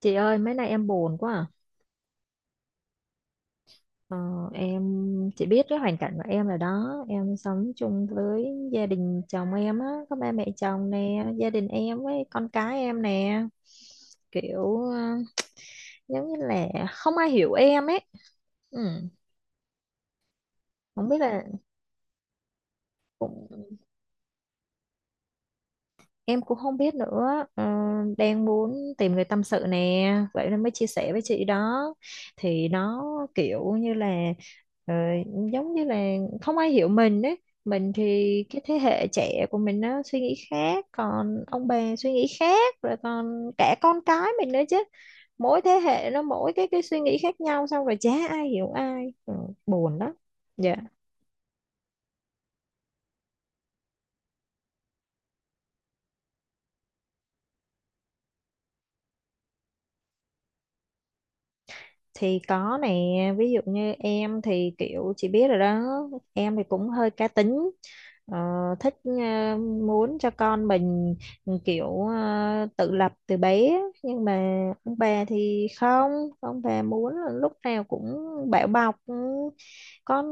Chị ơi, mấy nay em buồn quá à. Ờ, em chị biết cái hoàn cảnh của em rồi đó. Em sống chung với gia đình chồng em á, có ba mẹ chồng nè, gia đình em với con cái em nè. Kiểu giống như là không ai hiểu em ấy. Ừ, không biết là cũng em cũng không biết nữa, đang muốn tìm người tâm sự nè, vậy nên mới chia sẻ với chị đó. Thì nó kiểu như là ờ, giống như là không ai hiểu mình ấy. Mình thì cái thế hệ trẻ của mình nó suy nghĩ khác, còn ông bà suy nghĩ khác, rồi còn cả con cái mình nữa chứ. Mỗi thế hệ nó mỗi cái suy nghĩ khác nhau, xong rồi chả ai hiểu ai, ừ, buồn đó. Dạ, thì có nè, ví dụ như em thì kiểu chị biết rồi đó, em thì cũng hơi cá tính, ờ, thích, muốn cho con mình, ừ, kiểu tự lập từ bé, nhưng mà ông bà thì không, ông bà muốn là lúc nào cũng bảo bọc, ừ, con,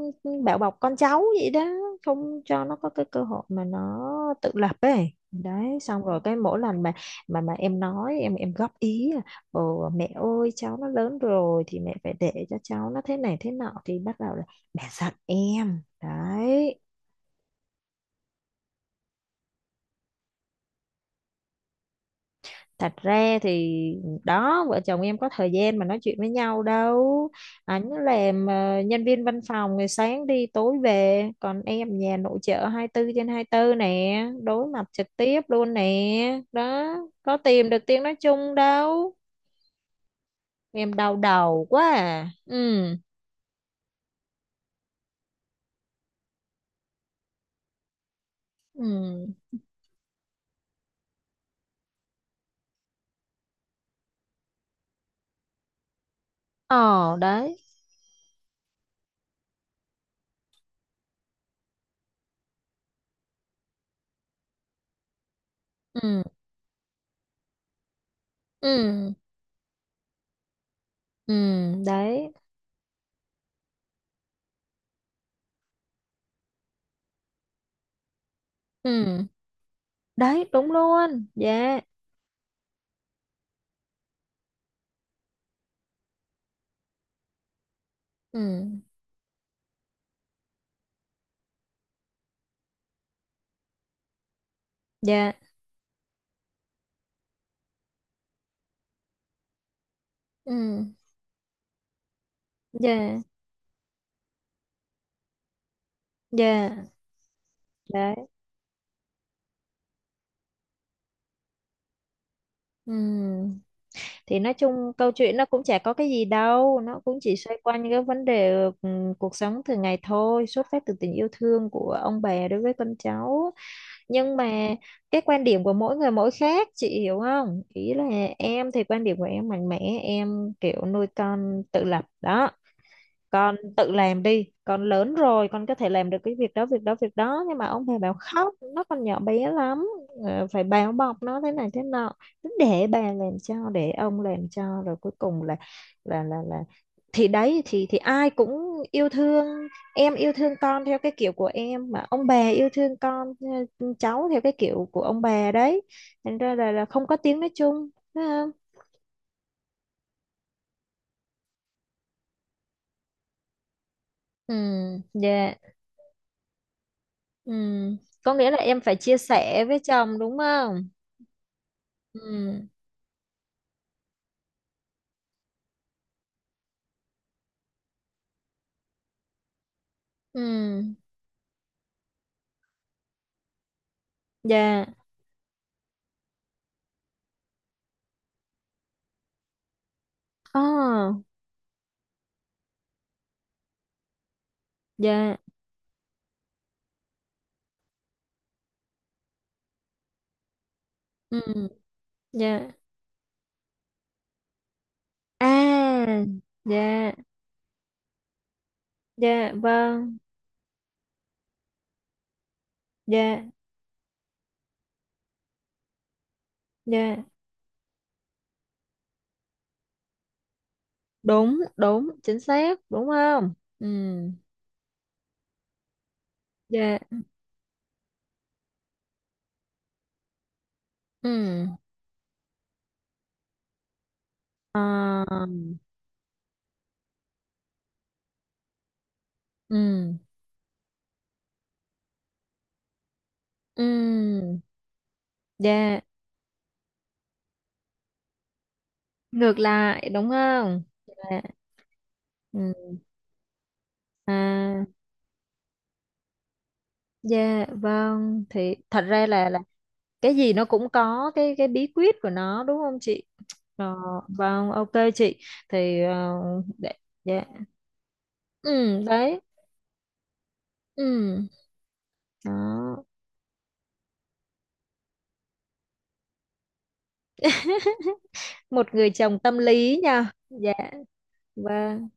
bảo bọc con cháu vậy đó, không cho nó có cái cơ hội mà nó tự lập ấy đấy. Xong rồi cái mỗi lần mà mà em nói, em góp ý: "Ồ, mẹ ơi, cháu nó lớn rồi thì mẹ phải để cho cháu nó thế này thế nọ", thì bắt đầu là mẹ giận em đấy. Thật ra thì đó, vợ chồng em có thời gian mà nói chuyện với nhau đâu. Anh làm nhân viên văn phòng, ngày sáng đi tối về, còn em nhà nội trợ hai mươi tư trên hai mươi tư nè, đối mặt trực tiếp luôn nè đó, có tìm được tiếng nói chung đâu. Em đau đầu quá à. Ừ, ừ, ờ đấy, ừ, ừ, ừ, đấy. Ừ, đấy, đúng luôn. Dạ. Ừ, dạ. Ừ, dạ, dạ. Đấy. Ừ. Thì nói chung câu chuyện nó cũng chả có cái gì đâu. Nó cũng chỉ xoay quanh cái vấn đề, ừ, cuộc sống thường ngày thôi. Xuất phát từ tình yêu thương của ông bà đối với con cháu. Nhưng mà cái quan điểm của mỗi người mỗi khác. Chị hiểu không? Ý là em thì quan điểm của em mạnh mẽ. Em kiểu nuôi con tự lập đó. Con tự làm đi, con lớn rồi, con có thể làm được cái việc đó, việc đó, việc đó, nhưng mà ông bà bảo khóc nó còn nhỏ bé lắm, phải bao bọc nó thế này thế nọ. Cứ để bà làm cho, để ông làm cho, rồi cuối cùng là là là là thì đấy, thì ai cũng yêu thương. Em yêu thương con theo cái kiểu của em, mà ông bà yêu thương con, ừ, cháu theo cái kiểu của ông bà đấy. Thành ra là không có tiếng nói chung, phải không? Ừ, dạ. Ừ, có nghĩa là em phải chia sẻ với chồng đúng không? Ừ, ừ, dạ, ồ, dạ, ừ, dạ, à, dạ, dạ, vâng, dạ, dạ, đúng, đúng, chính xác, đúng không? Ừ, dạ, ừ, ờ, ừ, ừ, dạ, ngược lại, đúng không? Dạ, ừ, à, dạ, vâng, thì thật ra là cái gì nó cũng có cái bí quyết của nó đúng không chị? Ờ, vâng, ok chị, thì ờ, để, dạ. Ừ đấy, ừ đó. Một người chồng tâm lý nha. Dạ, vâng,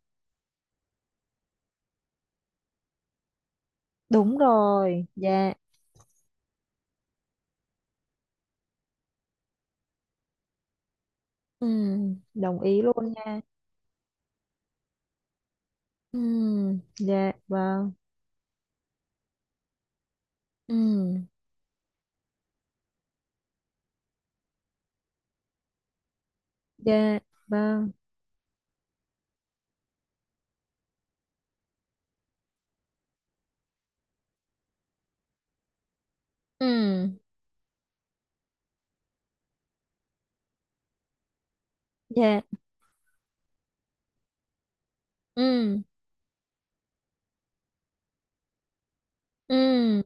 đúng rồi. Dạ, ừ, đồng ý luôn nha. Ừ, dạ, vâng. Ừ, dạ, vâng. Ừ, dạ, ừ, ừ,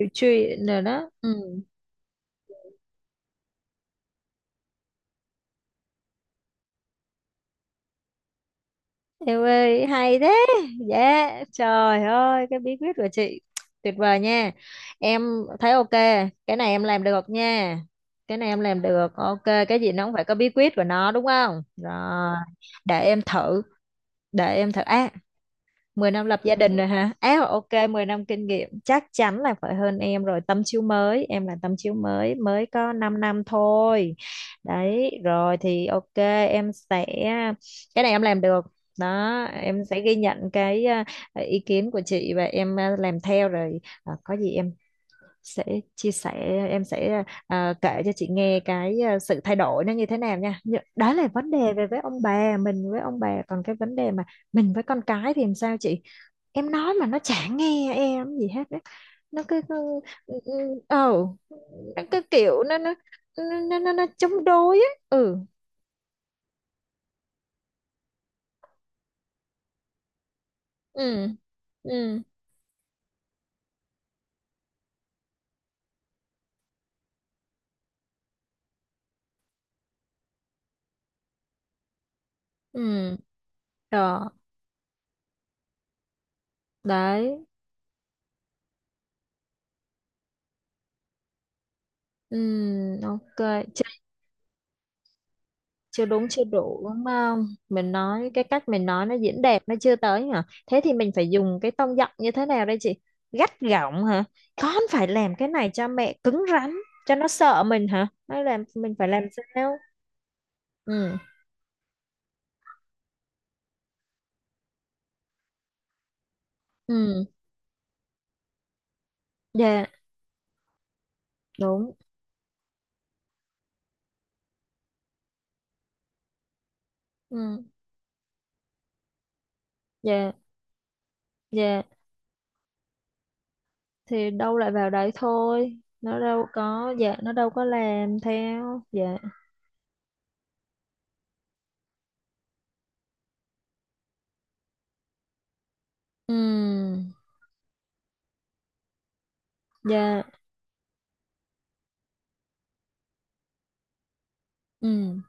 hiểu chuyện rồi đó, ừ. Em ơi, hay thế. Dạ, trời ơi, cái bí quyết của chị tuyệt vời nha. Em thấy ok, cái này em làm được nha. Cái này em làm được, ok, cái gì nó cũng phải có bí quyết của nó đúng không? Rồi, để em thử, để em thử. À, 10 năm lập gia đình rồi hả? Á, ok, 10 năm kinh nghiệm chắc chắn là phải hơn em rồi, tấm chiếu mới, em là tấm chiếu mới, mới có 5 năm thôi. Đấy, rồi thì ok, em sẽ cái này em làm được. Đó, em sẽ ghi nhận cái à, ý kiến của chị và em à, làm theo rồi. À, có gì em sẽ chia sẻ, em sẽ à, kể cho chị nghe cái à, sự thay đổi nó như thế nào nha. Nhưng- đó là vấn đề về với ông bà, mình với ông bà, còn cái vấn đề mà mình với con cái thì làm sao chị? Em nói mà nó chả nghe em gì hết á, nó cứ cứ- ừ, ừ, ờ, nó cứ kiểu nó chống đối á. Ừ, ừ, ừ, ừ, đó, đấy, ừ, ok. Chưa, chưa đúng chưa đủ đúng không, mình nói cái cách mình nói nó diễn đạt nó chưa tới hả, thế thì mình phải dùng cái tông giọng như thế nào đây chị? Gắt gỏng hả, con phải làm cái này cho mẹ, cứng rắn cho nó sợ mình hả, hay là mình phải làm sao? Ừ, ừ, dạ, đúng. Ừ, dạ, dạ. Thì đâu lại vào đấy thôi. Nó đâu có, dạ, nó đâu có làm theo. Dạ. Ừ, dạ. Ừ,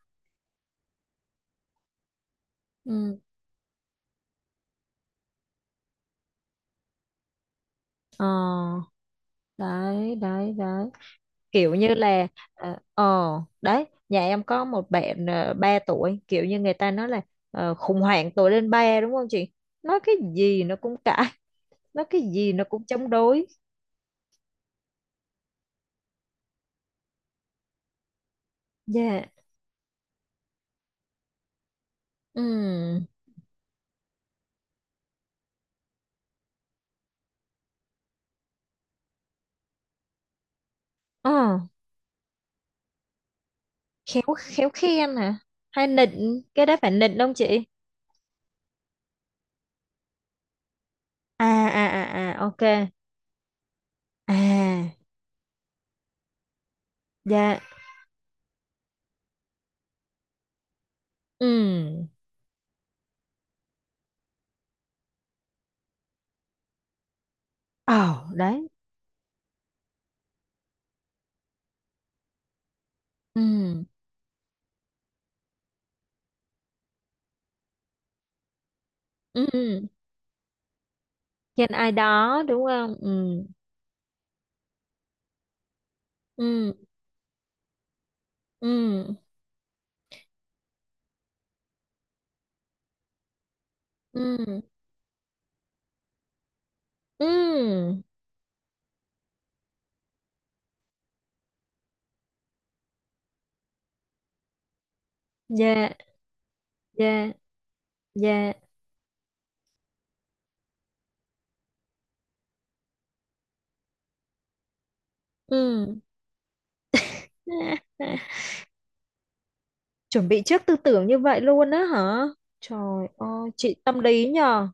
ừ. Ờ, đấy, đấy, đấy. Kiểu như là, ờ, ờ, đấy. Nhà em có một bạn 3 tuổi. Kiểu như người ta nói là khủng hoảng tuổi lên 3 đúng không chị? Nói cái gì nó cũng cãi. Nói cái gì nó cũng chống đối. Dạ. Ừ. Ờ. Khéo khéo khen hả, hay nịnh, cái đó phải nịnh không chị? À, à, à, à, ok, à, dạ, ừ, ồ, đấy, ừ, ừ, khen ai đó đúng không, ừ, ừ, ừ, ừ, ừ, dạ, dạ, dạ, ừ. Chuẩn bị trước tư tưởng như vậy luôn á hả? Trời ơi chị tâm lý nhờ.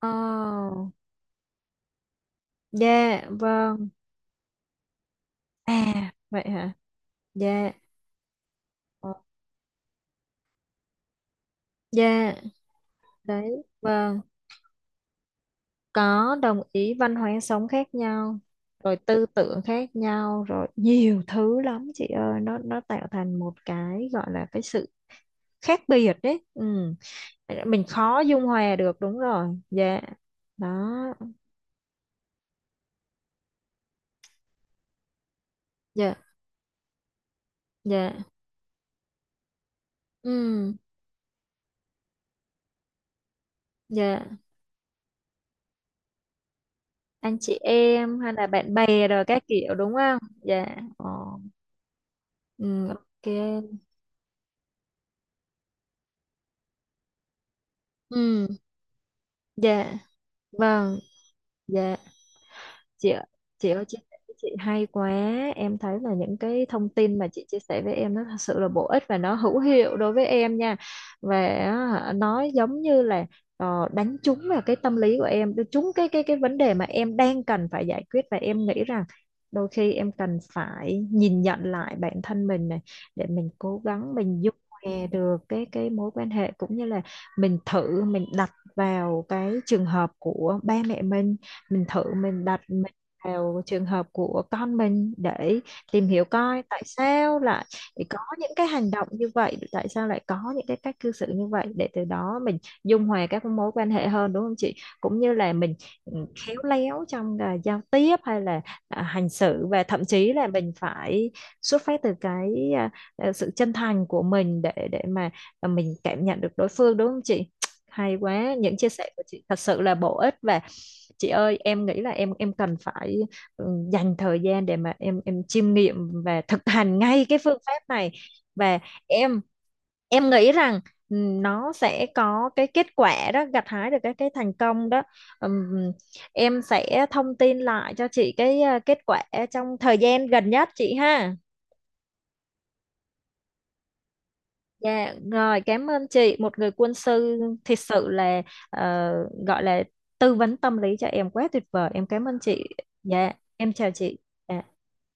Ờ, dạ, vâng. À, vậy hả? Dạ. Ờ, dạ, đấy, vâng, có, đồng ý, văn hóa sống khác nhau, rồi tư tưởng khác nhau, rồi nhiều thứ lắm chị ơi, nó tạo thành một cái gọi là cái sự khác biệt đấy, ừ. Mình khó dung hòa được, đúng rồi, dạ. Đó, dạ, dạ, ừ, dạ, anh chị em hay là bạn bè rồi các kiểu đúng không, dạ. Ồ, ừ, ok, ừ, dạ, vâng, dạ. Chị ạ- chị ơi, chia sẻ với chị hay quá. Em thấy là những cái thông tin mà chị chia sẻ với em nó thật sự là bổ ích và nó hữu hiệu đối với em nha. Và á, nó giống như là đánh trúng vào cái tâm lý của em, đánh trúng cái vấn đề mà em đang cần phải giải quyết, và em nghĩ rằng đôi khi em cần phải nhìn nhận lại bản thân mình này, để mình cố gắng mình dung hòa được cái mối quan hệ, cũng như là mình thử mình đặt vào cái trường hợp của ba mẹ mình thử mình đặt vào trường hợp của con mình để tìm hiểu coi tại sao lại có những cái hành động như vậy, tại sao lại có những cái cách cư xử như vậy, để từ đó mình dung hòa các mối quan hệ hơn đúng không chị? Cũng như là mình, ừ, khéo léo trong à, giao tiếp hay là à, hành xử, và thậm chí là mình phải xuất phát từ cái à, à, sự chân thành của mình để mà à, mình cảm nhận được đối phương đúng không chị? Hay quá, những chia sẻ của chị thật sự là bổ ích. Và chị ơi, em nghĩ là em cần phải, ừ, dành thời gian để mà em chiêm nghiệm và thực hành ngay cái phương pháp này, và em em nghĩ rằng, ừ, nó sẽ có cái kết quả đó, gặt hái được cái thành công đó. Ừm, em sẽ thông tin lại cho chị cái ờ, kết quả trong thời gian gần nhất chị ha. Dạ, rồi, cảm ơn chị. Một người quân sư thật sự là ờ, gọi là tư vấn tâm lý cho em, quá tuyệt vời. Em cảm ơn chị. Dạ, em chào chị. Dạ.